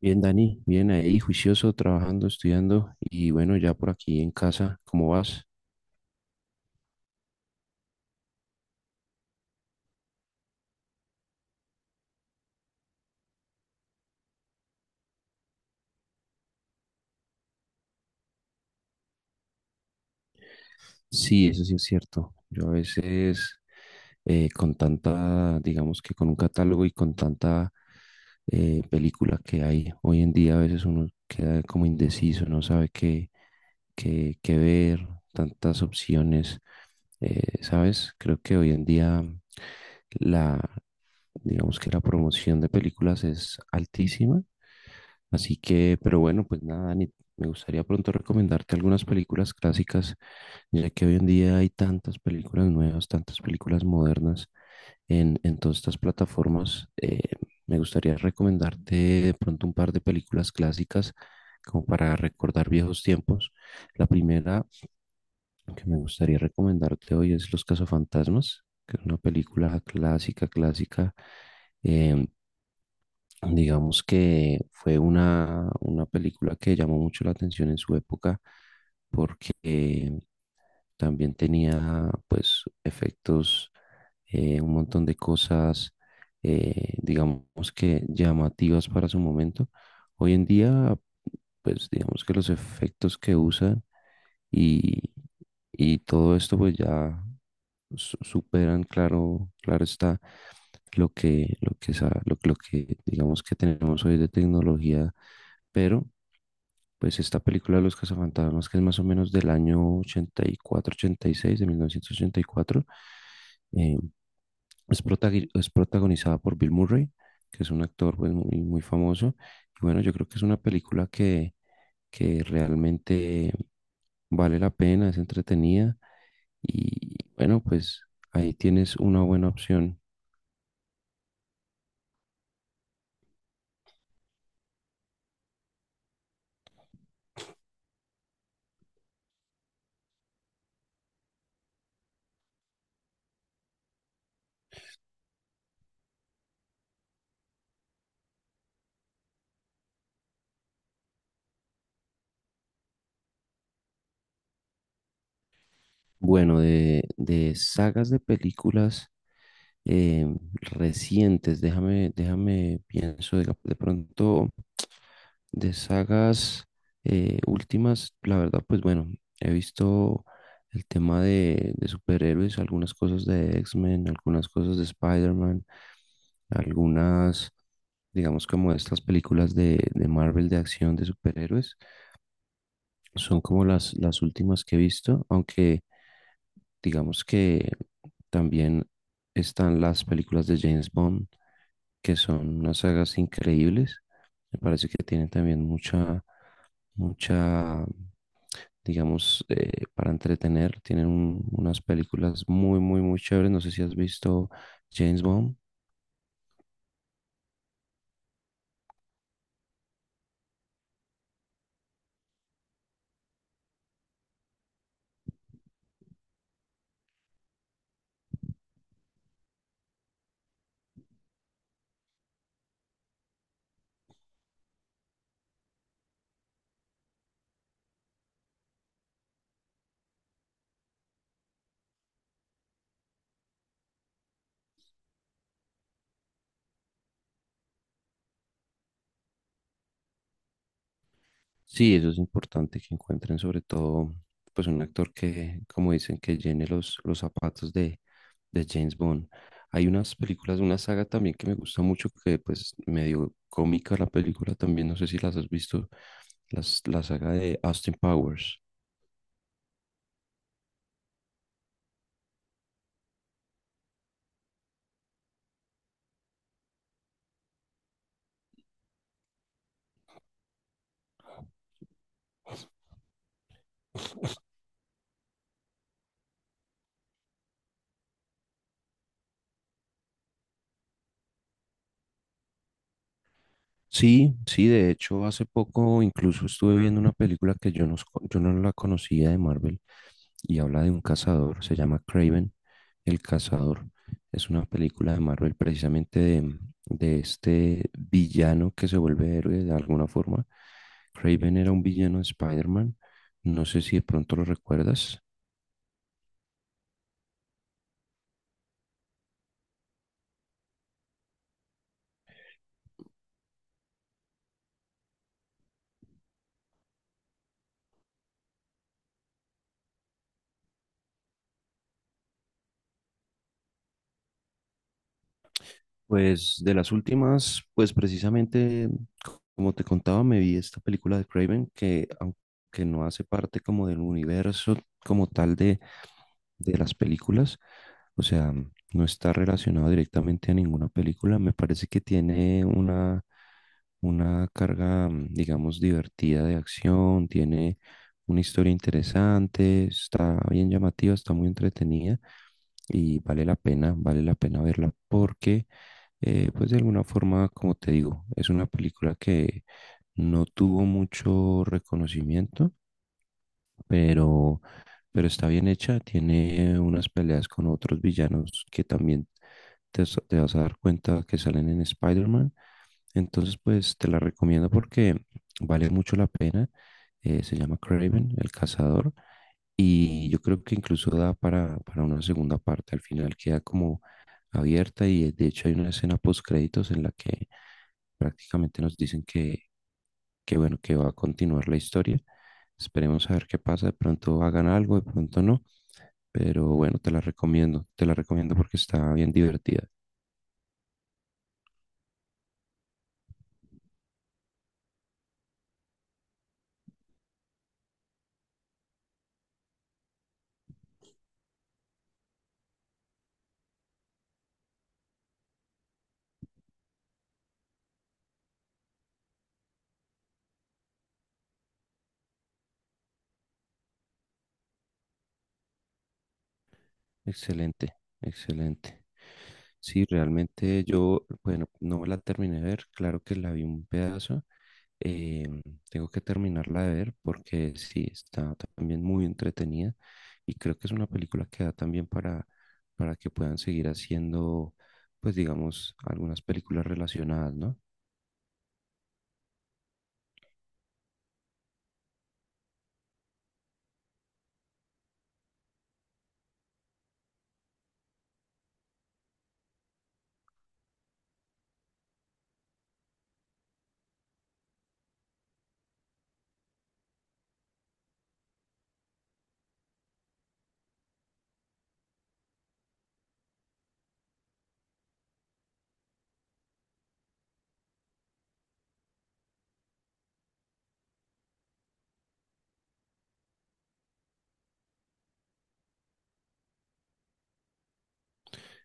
Bien, Dani, bien ahí, juicioso, trabajando, estudiando y bueno, ya por aquí en casa, ¿cómo vas? Sí, eso sí es cierto. Yo a veces con tanta, digamos que con un catálogo y con tanta película que hay hoy en día, a veces uno queda como indeciso, no sabe qué, qué ver, tantas opciones, ¿sabes? Creo que hoy en día la, digamos que la promoción de películas es altísima. Así que, pero bueno, pues nada, Dani, me gustaría pronto recomendarte algunas películas clásicas, ya que hoy en día hay tantas películas nuevas, tantas películas modernas en todas estas plataformas. Me gustaría recomendarte de pronto un par de películas clásicas como para recordar viejos tiempos. La primera que me gustaría recomendarte hoy es Los Cazafantasmas, que es una película clásica, clásica. em, Digamos que fue una película que llamó mucho la atención en su época porque también tenía pues efectos, un montón de cosas, digamos que llamativas para su momento. Hoy en día pues digamos que los efectos que usan y, y todo esto pues ya superan, claro, claro está lo que, lo que digamos que tenemos hoy de tecnología, pero pues esta película de Los Cazafantasmas, que es más o menos del año ochenta ochenta y cuatro ochenta y seis de 1984, eh, es, es protagonizada por Bill Murray, que es un actor pues, muy, muy famoso. Y bueno, yo creo que es una película que realmente vale la pena, es entretenida y bueno, pues ahí tienes una buena opción. Bueno, de sagas de películas eh, recientes, déjame, pienso de pronto de sagas últimas, la verdad, pues bueno, he visto el tema de superhéroes, algunas cosas de X-Men, algunas cosas de Spider-Man, algunas digamos como estas películas de Marvel de acción de superhéroes, son como las últimas que he visto, aunque digamos que también están las películas de James Bond, que son unas sagas increíbles. Me parece que tienen también mucha, mucha, digamos, para entretener. Tienen unas películas muy, muy, muy chéveres. No sé si has visto James Bond. Sí, eso es importante que encuentren sobre todo pues un actor que, como dicen, que llene los zapatos de James Bond. Hay unas películas, una saga también que me gusta mucho, que pues medio cómica la película también, no sé si las has visto, las, la saga de Austin Powers. Sí, sí, de hecho hace poco incluso estuve viendo una película que yo no la conocía de Marvel y habla de un cazador, se llama Kraven el Cazador. Es una película de Marvel precisamente de este villano que se vuelve héroe de alguna forma. Kraven era un villano de Spider-Man, no sé si de pronto lo recuerdas. Pues de las últimas, pues precisamente, como te contaba, me vi esta película de Kraven que aunque no hace parte como del universo como tal de las películas. O sea, no está relacionado directamente a ninguna película. Me parece que tiene una carga, mm, digamos, divertida de acción, tiene una historia interesante, está bien llamativa, está muy entretenida y vale la pena verla porque, pues de alguna forma, como te digo, es una película que no tuvo mucho reconocimiento, pero pero está bien hecha. Tiene unas peleas con otros villanos que también te vas a dar cuenta que salen en Spider-Man. Entonces, pues te la recomiendo porque vale mucho la pena. Se llama Kraven el cazador. Y yo creo que incluso da para una segunda parte. Al final queda como abierta y de hecho hay una escena post créditos en la que prácticamente nos dicen que bueno, que va a continuar la historia. Esperemos a ver qué pasa. De pronto hagan algo, de pronto no. Pero bueno, te la recomiendo porque está bien divertida. Excelente, excelente. Sí, realmente yo, bueno, no me la terminé de ver, claro que la vi un pedazo. eh, Tengo que terminarla de ver porque sí, está también muy entretenida y creo que es una película que da también para que puedan seguir haciendo, pues digamos, algunas películas relacionadas, ¿no?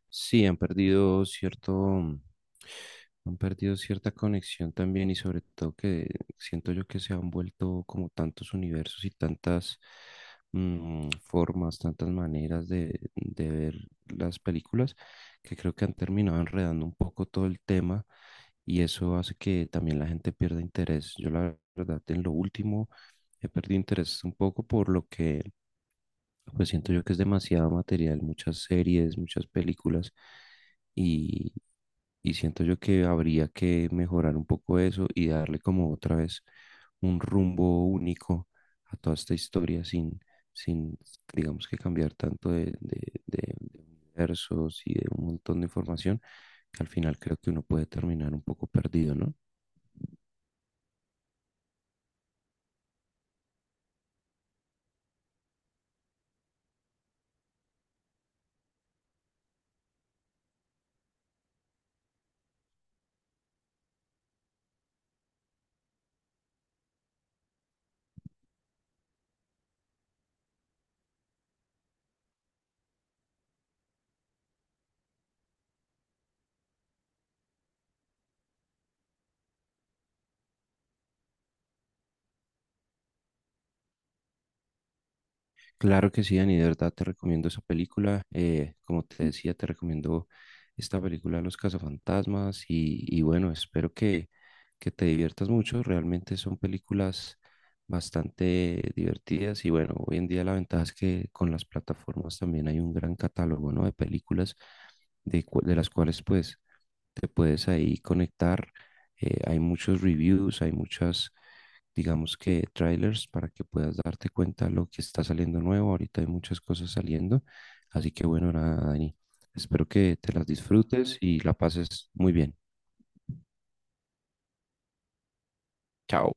Sí, han perdido cierto, mm, han perdido cierta conexión también y sobre todo que siento yo que se han vuelto como tantos universos y tantas formas, tantas maneras de ver las películas que creo que han terminado enredando un poco todo el tema y eso hace que también la gente pierda interés. Yo la verdad en lo último he perdido interés un poco por lo que pues siento yo que es demasiado material, muchas series, muchas películas y, y siento yo que habría que mejorar un poco eso y darle como otra vez un rumbo único a toda esta historia sin digamos que cambiar tanto de universos y de un montón de información que al final creo que uno puede terminar un poco perdido, ¿no? Claro que sí, Dani, de verdad te recomiendo esa película. Como te decía, te recomiendo esta película Los Cazafantasmas y bueno, espero que te diviertas mucho. Realmente son películas bastante divertidas y bueno, hoy en día la ventaja es que con las plataformas también hay un gran catálogo, ¿no? de películas de, de las cuales pues te puedes ahí conectar. Hay muchos reviews, hay muchas digamos que trailers para que puedas darte cuenta lo que está saliendo nuevo. Ahorita hay muchas cosas saliendo, así que bueno, nada, Dani. Espero que te las disfrutes y la pases muy bien. Chao.